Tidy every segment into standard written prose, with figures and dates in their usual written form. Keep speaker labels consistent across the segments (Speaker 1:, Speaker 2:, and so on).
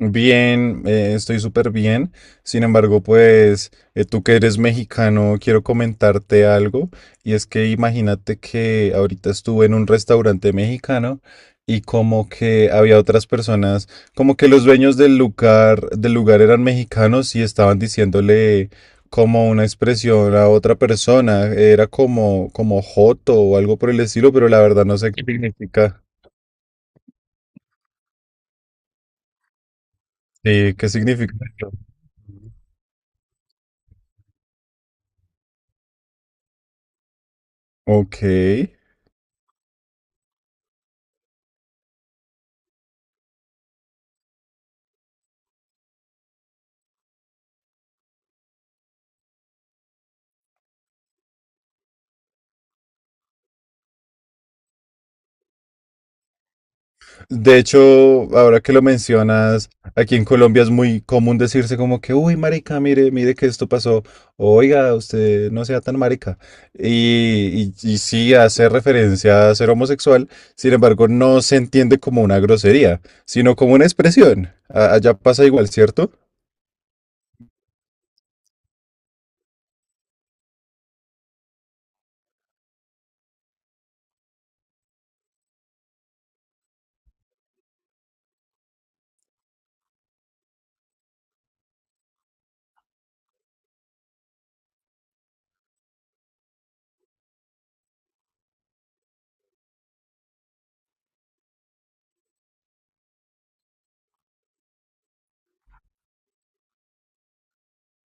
Speaker 1: Bien, estoy súper bien. Sin embargo, pues tú que eres mexicano, quiero comentarte algo. Y es que imagínate que ahorita estuve en un restaurante mexicano y como que había otras personas, como que los dueños del lugar, eran mexicanos y estaban diciéndole como una expresión a otra persona. Era como, como joto o algo por el estilo, pero la verdad no sé qué significa. Sí, ¿qué significa? Ok. De hecho, ahora que lo mencionas, aquí en Colombia es muy común decirse como que, uy, marica, mire, que esto pasó. Oiga, usted no sea tan marica. Y sí hace referencia a ser homosexual, sin embargo, no se entiende como una grosería, sino como una expresión. Allá pasa igual, ¿cierto?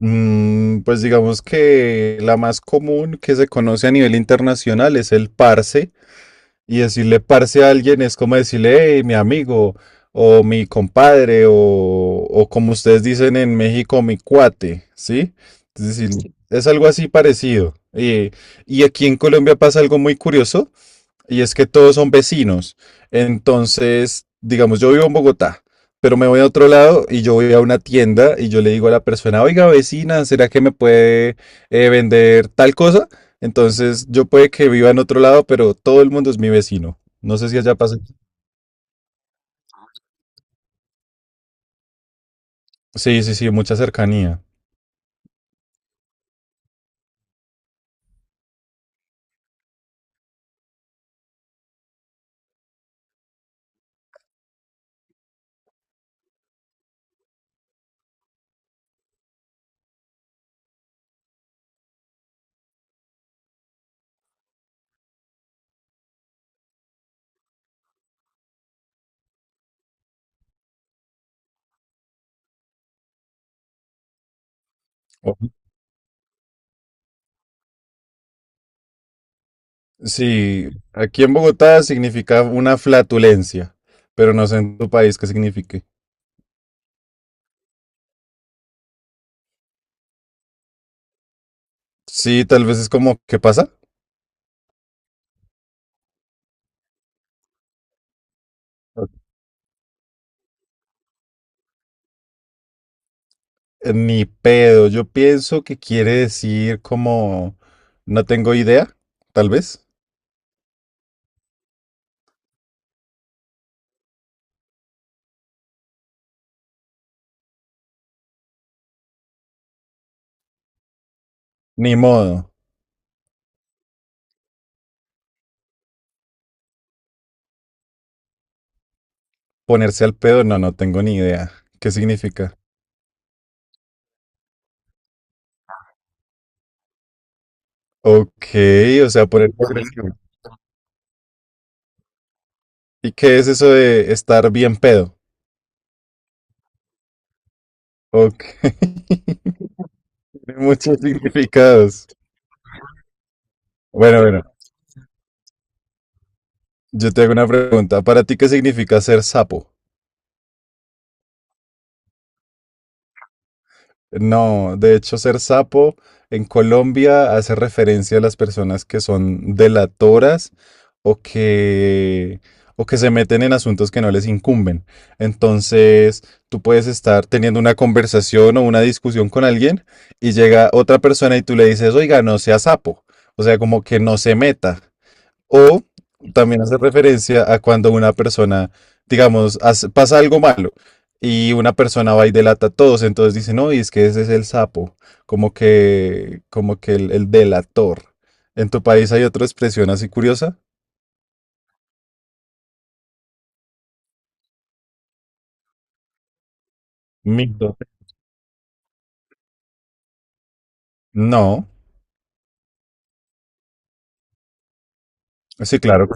Speaker 1: Mm, pues digamos que la más común que se conoce a nivel internacional es el parse. Y decirle parce a alguien es como decirle, hey, mi amigo, o mi compadre, o, como ustedes dicen en México, mi cuate, ¿sí? Es decir, sí. Es algo así parecido. Y aquí en Colombia pasa algo muy curioso, y es que todos son vecinos. Entonces, digamos, yo vivo en Bogotá, pero me voy a otro lado y yo voy a una tienda y yo le digo a la persona, oiga, vecina, ¿será que me puede vender tal cosa? Entonces, yo puede que viva en otro lado, pero todo el mundo es mi vecino. No sé si allá pasa. Sí, sí, sí, mucha cercanía. O- Sí, aquí en Bogotá significa una flatulencia, pero no sé en tu país qué signifique. Sí, tal vez es como, ¿qué pasa? Ni pedo, yo pienso que quiere decir como no tengo idea, tal vez. Ni modo. Ponerse al pedo, no, no tengo ni idea. ¿Qué significa? Ok, o sea, ponerse agresivo. ¿Y qué es eso de estar bien pedo? Ok, tiene muchos significados. Bueno, bueno, yo te hago una pregunta. ¿Para ti qué significa ser sapo? No, de hecho, ser sapo en Colombia hace referencia a las personas que son delatoras o que, o que se meten en asuntos que no les incumben. Entonces, tú puedes estar teniendo una conversación o una discusión con alguien y llega otra persona y tú le dices, oiga, no sea sapo. O sea, como que no se meta. O también hace referencia a cuando una persona, digamos, pasa algo malo y una persona va y delata a todos, entonces dice, no, y es que ese es el sapo, como que el delator. ¿En tu país hay otra expresión así curiosa? Mito. No, sí, claro.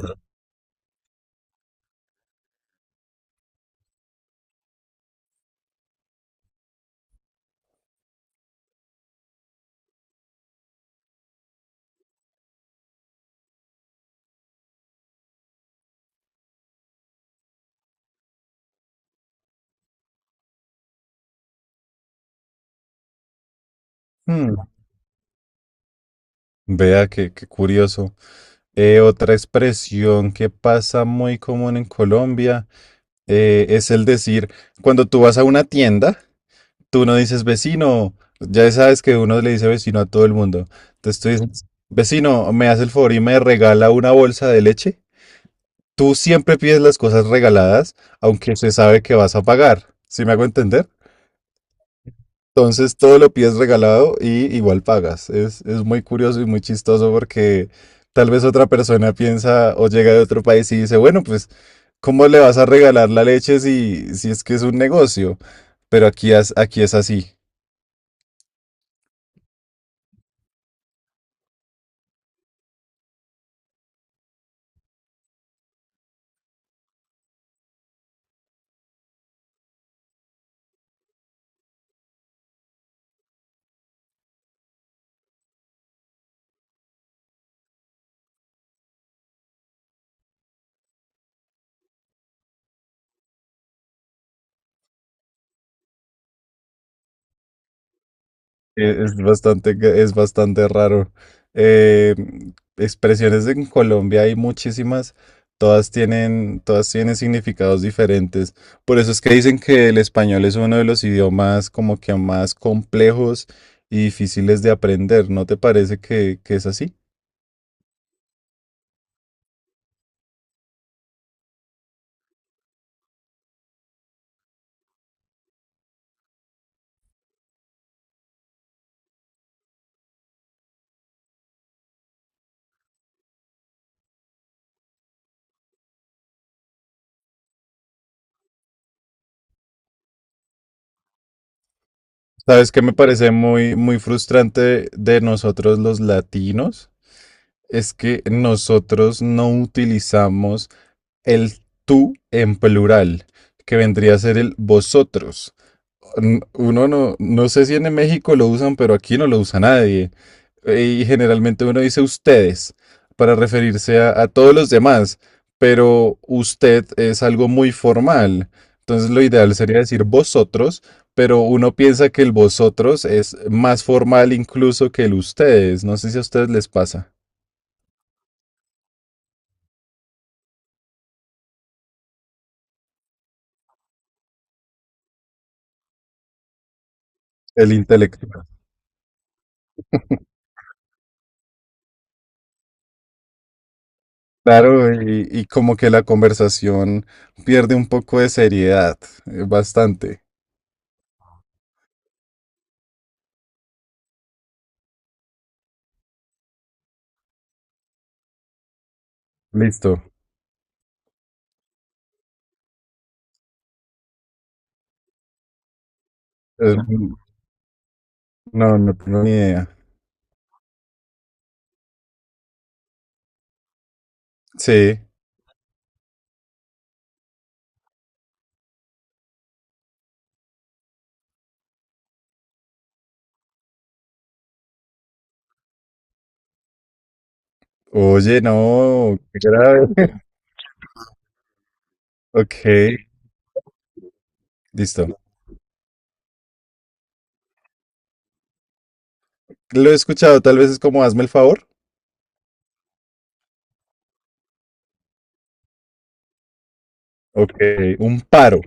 Speaker 1: Hmm, vea qué, curioso. Otra expresión que pasa muy común en Colombia es el decir, cuando tú vas a una tienda, tú no dices vecino, ya sabes que uno le dice vecino a todo el mundo. Entonces tú dices, vecino, ¿me hace el favor y me regala una bolsa de leche? Tú siempre pides las cosas regaladas, aunque se sabe que vas a pagar. ¿Sí me hago entender? Entonces todo lo pides regalado y igual pagas. Es muy curioso y muy chistoso porque tal vez otra persona piensa o llega de otro país y dice, bueno, pues, ¿cómo le vas a regalar la leche si, es que es un negocio? Pero aquí, aquí es así. Es bastante, es bastante raro. Eh, Expresiones en Colombia hay muchísimas, todas tienen significados diferentes. Por eso es que dicen que el español es uno de los idiomas como que más complejos y difíciles de aprender. ¿No te parece que, es así? ¿Sabes qué me parece muy, frustrante de nosotros los latinos? Es que nosotros no utilizamos el tú en plural, que vendría a ser el vosotros. Uno no, no sé si en México lo usan, pero aquí no lo usa nadie y generalmente uno dice ustedes para referirse a, todos los demás, pero usted es algo muy formal. Entonces lo ideal sería decir vosotros, pero uno piensa que el vosotros es más formal incluso que el ustedes. No sé si a ustedes les pasa. El intelectual. Claro, y como que la conversación pierde un poco de seriedad, bastante. Listo. Eh, no, no tengo ni idea. Sí. Oye, no, qué grave. Ok, listo. Lo he escuchado, tal vez es como hazme el favor. Ok, un paro,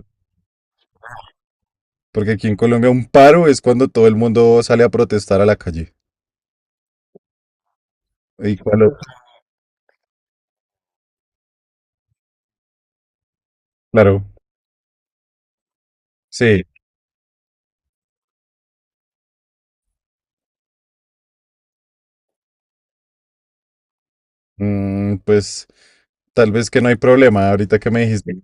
Speaker 1: porque aquí en Colombia un paro es cuando todo el mundo sale a protestar a la calle. Y cuando- claro, sí, mm, pues tal vez que no hay problema. Ahorita que me dijiste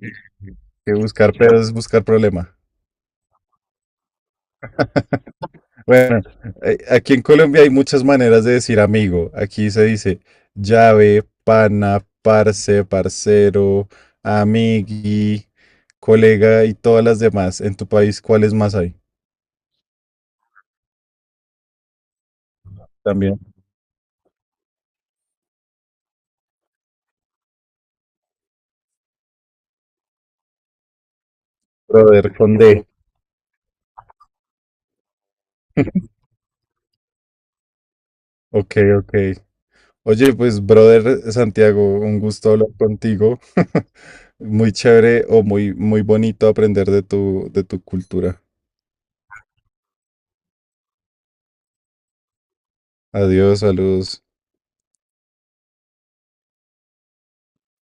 Speaker 1: que buscar pedos es buscar problema. Bueno, aquí en Colombia hay muchas maneras de decir amigo. Aquí se dice llave, pana, parce, parcero, amigui, colega y todas las demás. En tu país, ¿cuáles más hay? También, brother con D. Ok, ok. Oye, pues, brother Santiago, un gusto hablar contigo. Muy chévere o muy, bonito aprender de tu cultura. Adiós, saludos.